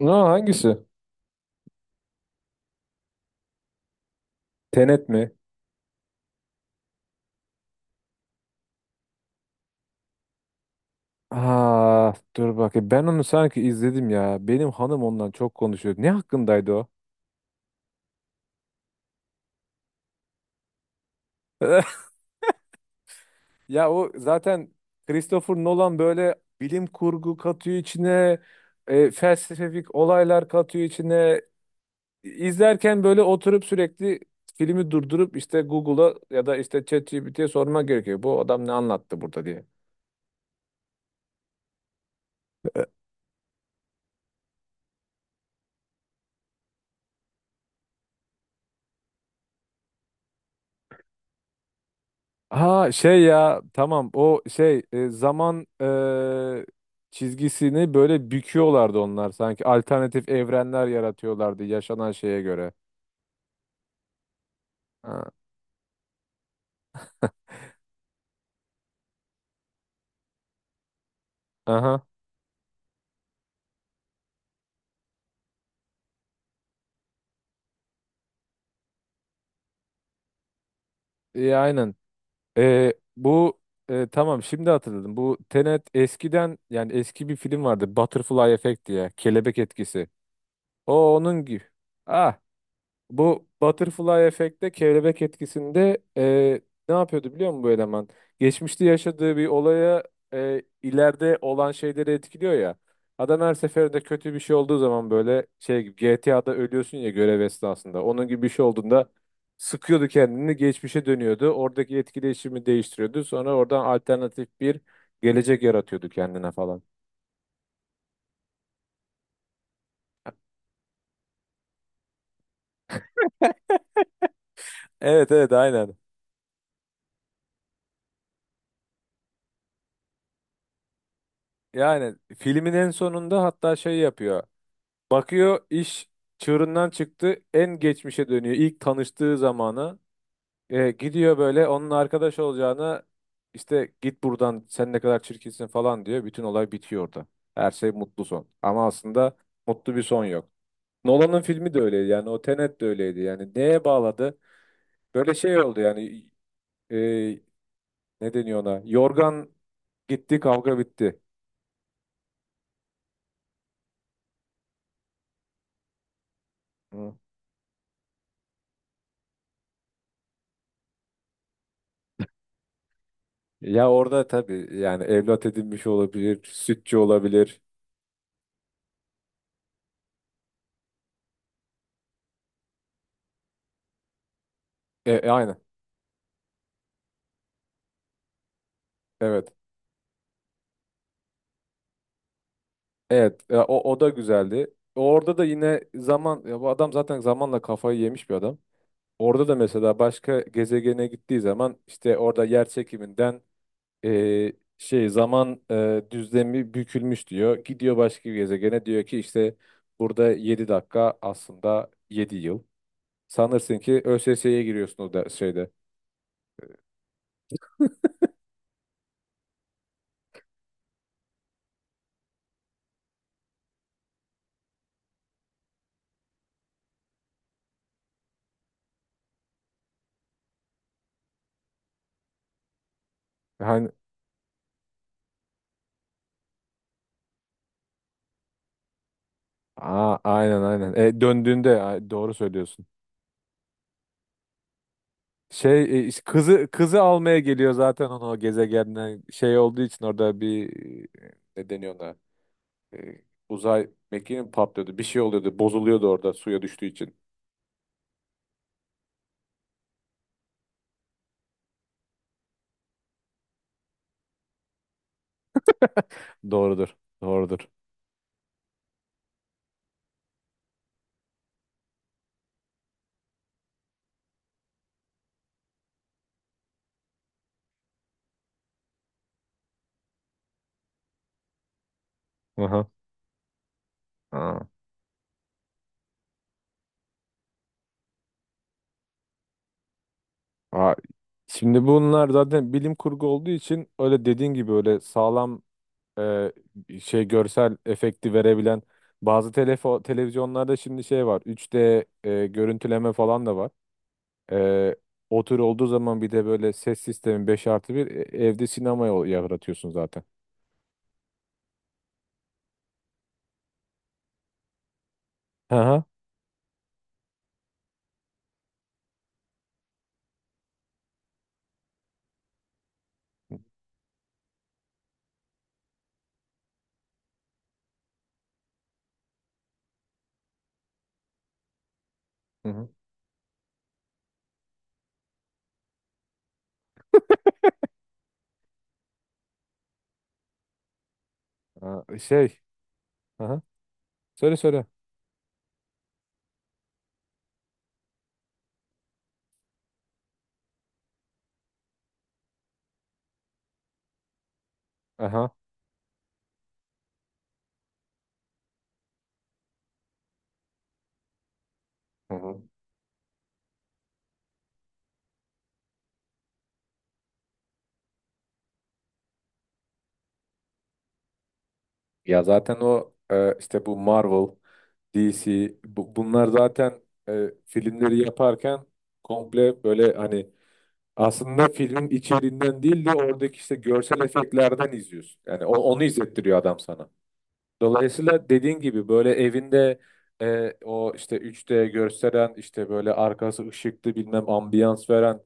Ne, hangisi? Tenet mi? Aa, dur bakayım. Ben onu sanki izledim ya. Benim hanım ondan çok konuşuyor. Ne hakkındaydı o? Ya o zaten Christopher Nolan böyle bilim kurgu katıyor içine, felsefik olaylar katıyor içine. İzlerken böyle oturup sürekli filmi durdurup işte Google'a ya da işte ChatGPT'ye sorma gerekiyor. Bu adam ne anlattı burada diye. Ha şey ya, tamam o şey zaman çizgisini böyle büküyorlardı onlar, sanki alternatif evrenler yaratıyorlardı yaşanan şeye göre. Ha, aha. E, aynen. E, bu tamam, şimdi hatırladım bu Tenet eskiden, yani eski bir film vardı Butterfly Effect diye, kelebek etkisi, o onun gibi. Ah, bu butterfly efekte, kelebek etkisinde, ne yapıyordu biliyor musun bu eleman? Geçmişte yaşadığı bir olaya ileride olan şeyleri etkiliyor ya. Adam her seferinde kötü bir şey olduğu zaman, böyle şey gibi, GTA'da ölüyorsun ya görev esnasında. Onun gibi bir şey olduğunda sıkıyordu kendini, geçmişe dönüyordu. Oradaki etkileşimi değiştiriyordu. Sonra oradan alternatif bir gelecek yaratıyordu kendine falan. Evet evet, aynen. Yani filmin en sonunda hatta şey yapıyor. Bakıyor iş çığırından çıktı, en geçmişe dönüyor, ilk tanıştığı zamana. E, gidiyor böyle, onun arkadaş olacağına işte git buradan sen ne kadar çirkinsin falan diyor, bütün olay bitiyor orada. Her şey mutlu son, ama aslında mutlu bir son yok. Nolan'ın filmi de öyleydi yani, o Tenet de öyleydi yani. Neye bağladı, böyle şey oldu yani, e, ne deniyor ona, yorgan gitti kavga bitti. Hı. Ya orada tabii, yani evlat edinmiş olabilir, sütçü olabilir. Aynen. Evet. Evet. Ya o, o da güzeldi. Orada da yine zaman, ya bu adam zaten zamanla kafayı yemiş bir adam. Orada da mesela başka gezegene gittiği zaman, işte orada yer çekiminden, e, şey zaman düzlemi bükülmüş diyor. Gidiyor başka bir gezegene, diyor ki işte burada 7 dakika aslında 7 yıl. Sanırsın ki ÖSS'ye giriyorsun o da şeyde. Hani a- aynen aynen. E, döndüğünde a- doğru söylüyorsun. Şey işte kızı almaya geliyor zaten, onu o gezegenden, şey olduğu için orada bir ne deniyor ona. E, uzay mekiği mi patlıyordu, bir şey oluyordu, bozuluyordu orada suya düştüğü için. Doğrudur. Doğrudur. Aha. Aa. Aa, şimdi bunlar zaten bilim kurgu olduğu için, öyle dediğin gibi öyle sağlam e, şey görsel efekti verebilen bazı televizyonlarda şimdi şey var, 3D görüntüleme falan da var. Ee, O tür olduğu zaman, bir de böyle ses sistemi 5 artı bir, evde sinema yaratıyorsun zaten. Hı hı. Hı hı. Aa, şey. Hı hı. Söyle söyle. Aha. Hı hı. Ya zaten o işte bu Marvel, DC bunlar zaten filmleri yaparken komple böyle, hani aslında filmin içeriğinden değil de oradaki işte görsel efektlerden izliyorsun. Yani onu izlettiriyor adam sana. Dolayısıyla dediğin gibi böyle evinde o işte 3D gösteren, işte böyle arkası ışıklı bilmem ambiyans veren,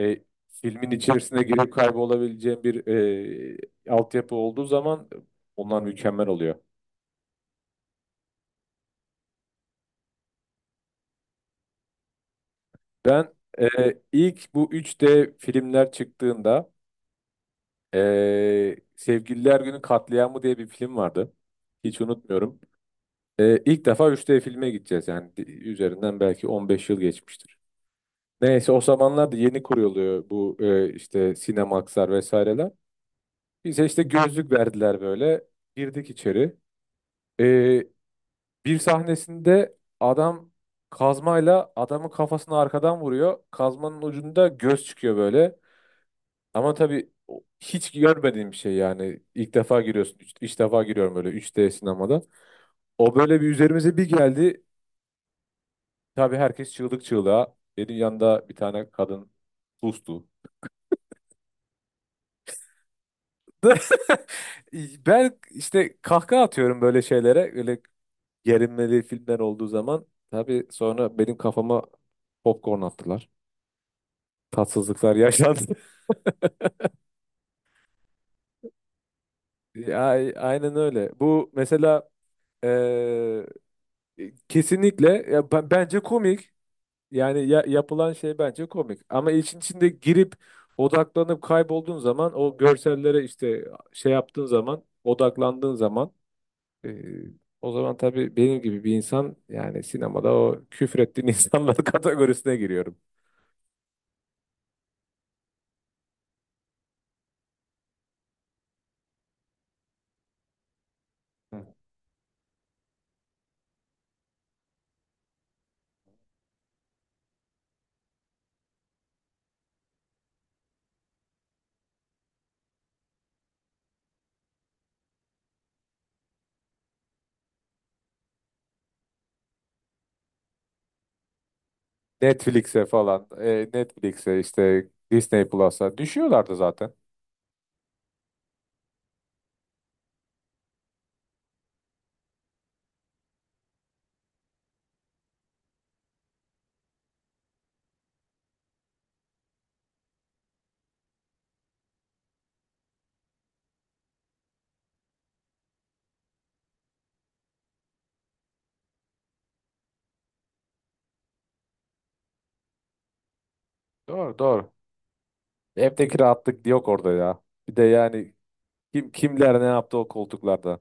e, filmin içerisine girip kaybolabileceğin bir altyapı olduğu zaman onlar mükemmel oluyor. Ben e, ilk bu 3D filmler çıktığında Sevgililer Günü Katliamı diye bir film vardı. Hiç unutmuyorum. E, ilk defa 3D filme gideceğiz, yani üzerinden belki 15 yıl geçmiştir. Neyse, o zamanlar da yeni kuruluyor bu, işte Cinemax'lar vesaireler. Bize işte gözlük verdiler böyle. Girdik içeri. E, bir sahnesinde adam kazmayla adamın kafasını arkadan vuruyor. Kazmanın ucunda göz çıkıyor böyle. Ama tabii hiç görmediğim bir şey yani. İlk defa giriyorsun. İlk defa giriyorum böyle 3D sinemada. O böyle bir üzerimize bir geldi. Tabii herkes çığlık çığlığa. Benim yanında bir tane kadın sustu. Ben işte kahkaha atıyorum böyle şeylere. Öyle gerilmeli filmler olduğu zaman. Tabii sonra benim kafama popcorn attılar. Tatsızlıklar yaşandı. Ya, aynen öyle. Bu mesela eee, kesinlikle ya, bence komik. Yani yapılan şey bence komik. Ama işin içinde girip odaklanıp kaybolduğun zaman o görsellere, işte şey yaptığın zaman, odaklandığın zaman, Ee, o zaman tabii benim gibi bir insan yani sinemada o küfrettiğin insanlar kategorisine giriyorum. Hı. Netflix'e falan, Netflix'e işte Disney Plus'a düşüyorlardı zaten. Doğru doğru. Evdeki rahatlık yok orada ya. Bir de yani kim kimler ne yaptı o koltuklarda.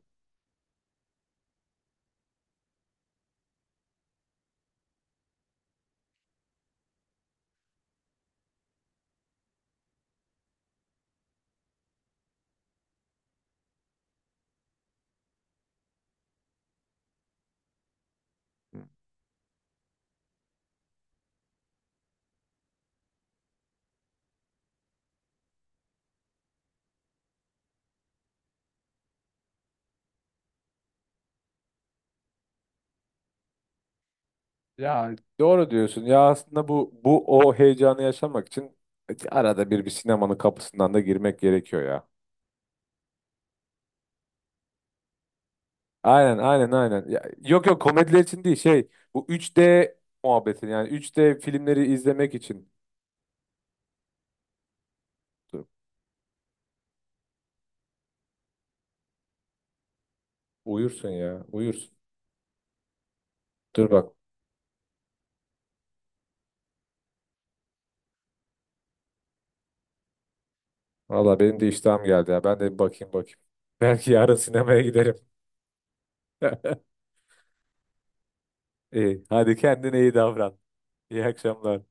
Ya doğru diyorsun. Ya aslında bu o heyecanı yaşamak için arada bir sinemanın kapısından da girmek gerekiyor ya. Aynen aynen aynen. Ya, yok yok, komediler için değil şey, bu 3D muhabbeti, yani 3D filmleri izlemek için. Dur, uyursun ya uyursun. Dur bak, valla benim de iştahım geldi ya, ben de bir bakayım bakayım. Belki yarın sinemaya giderim. İyi, hadi kendine iyi davran. İyi akşamlar.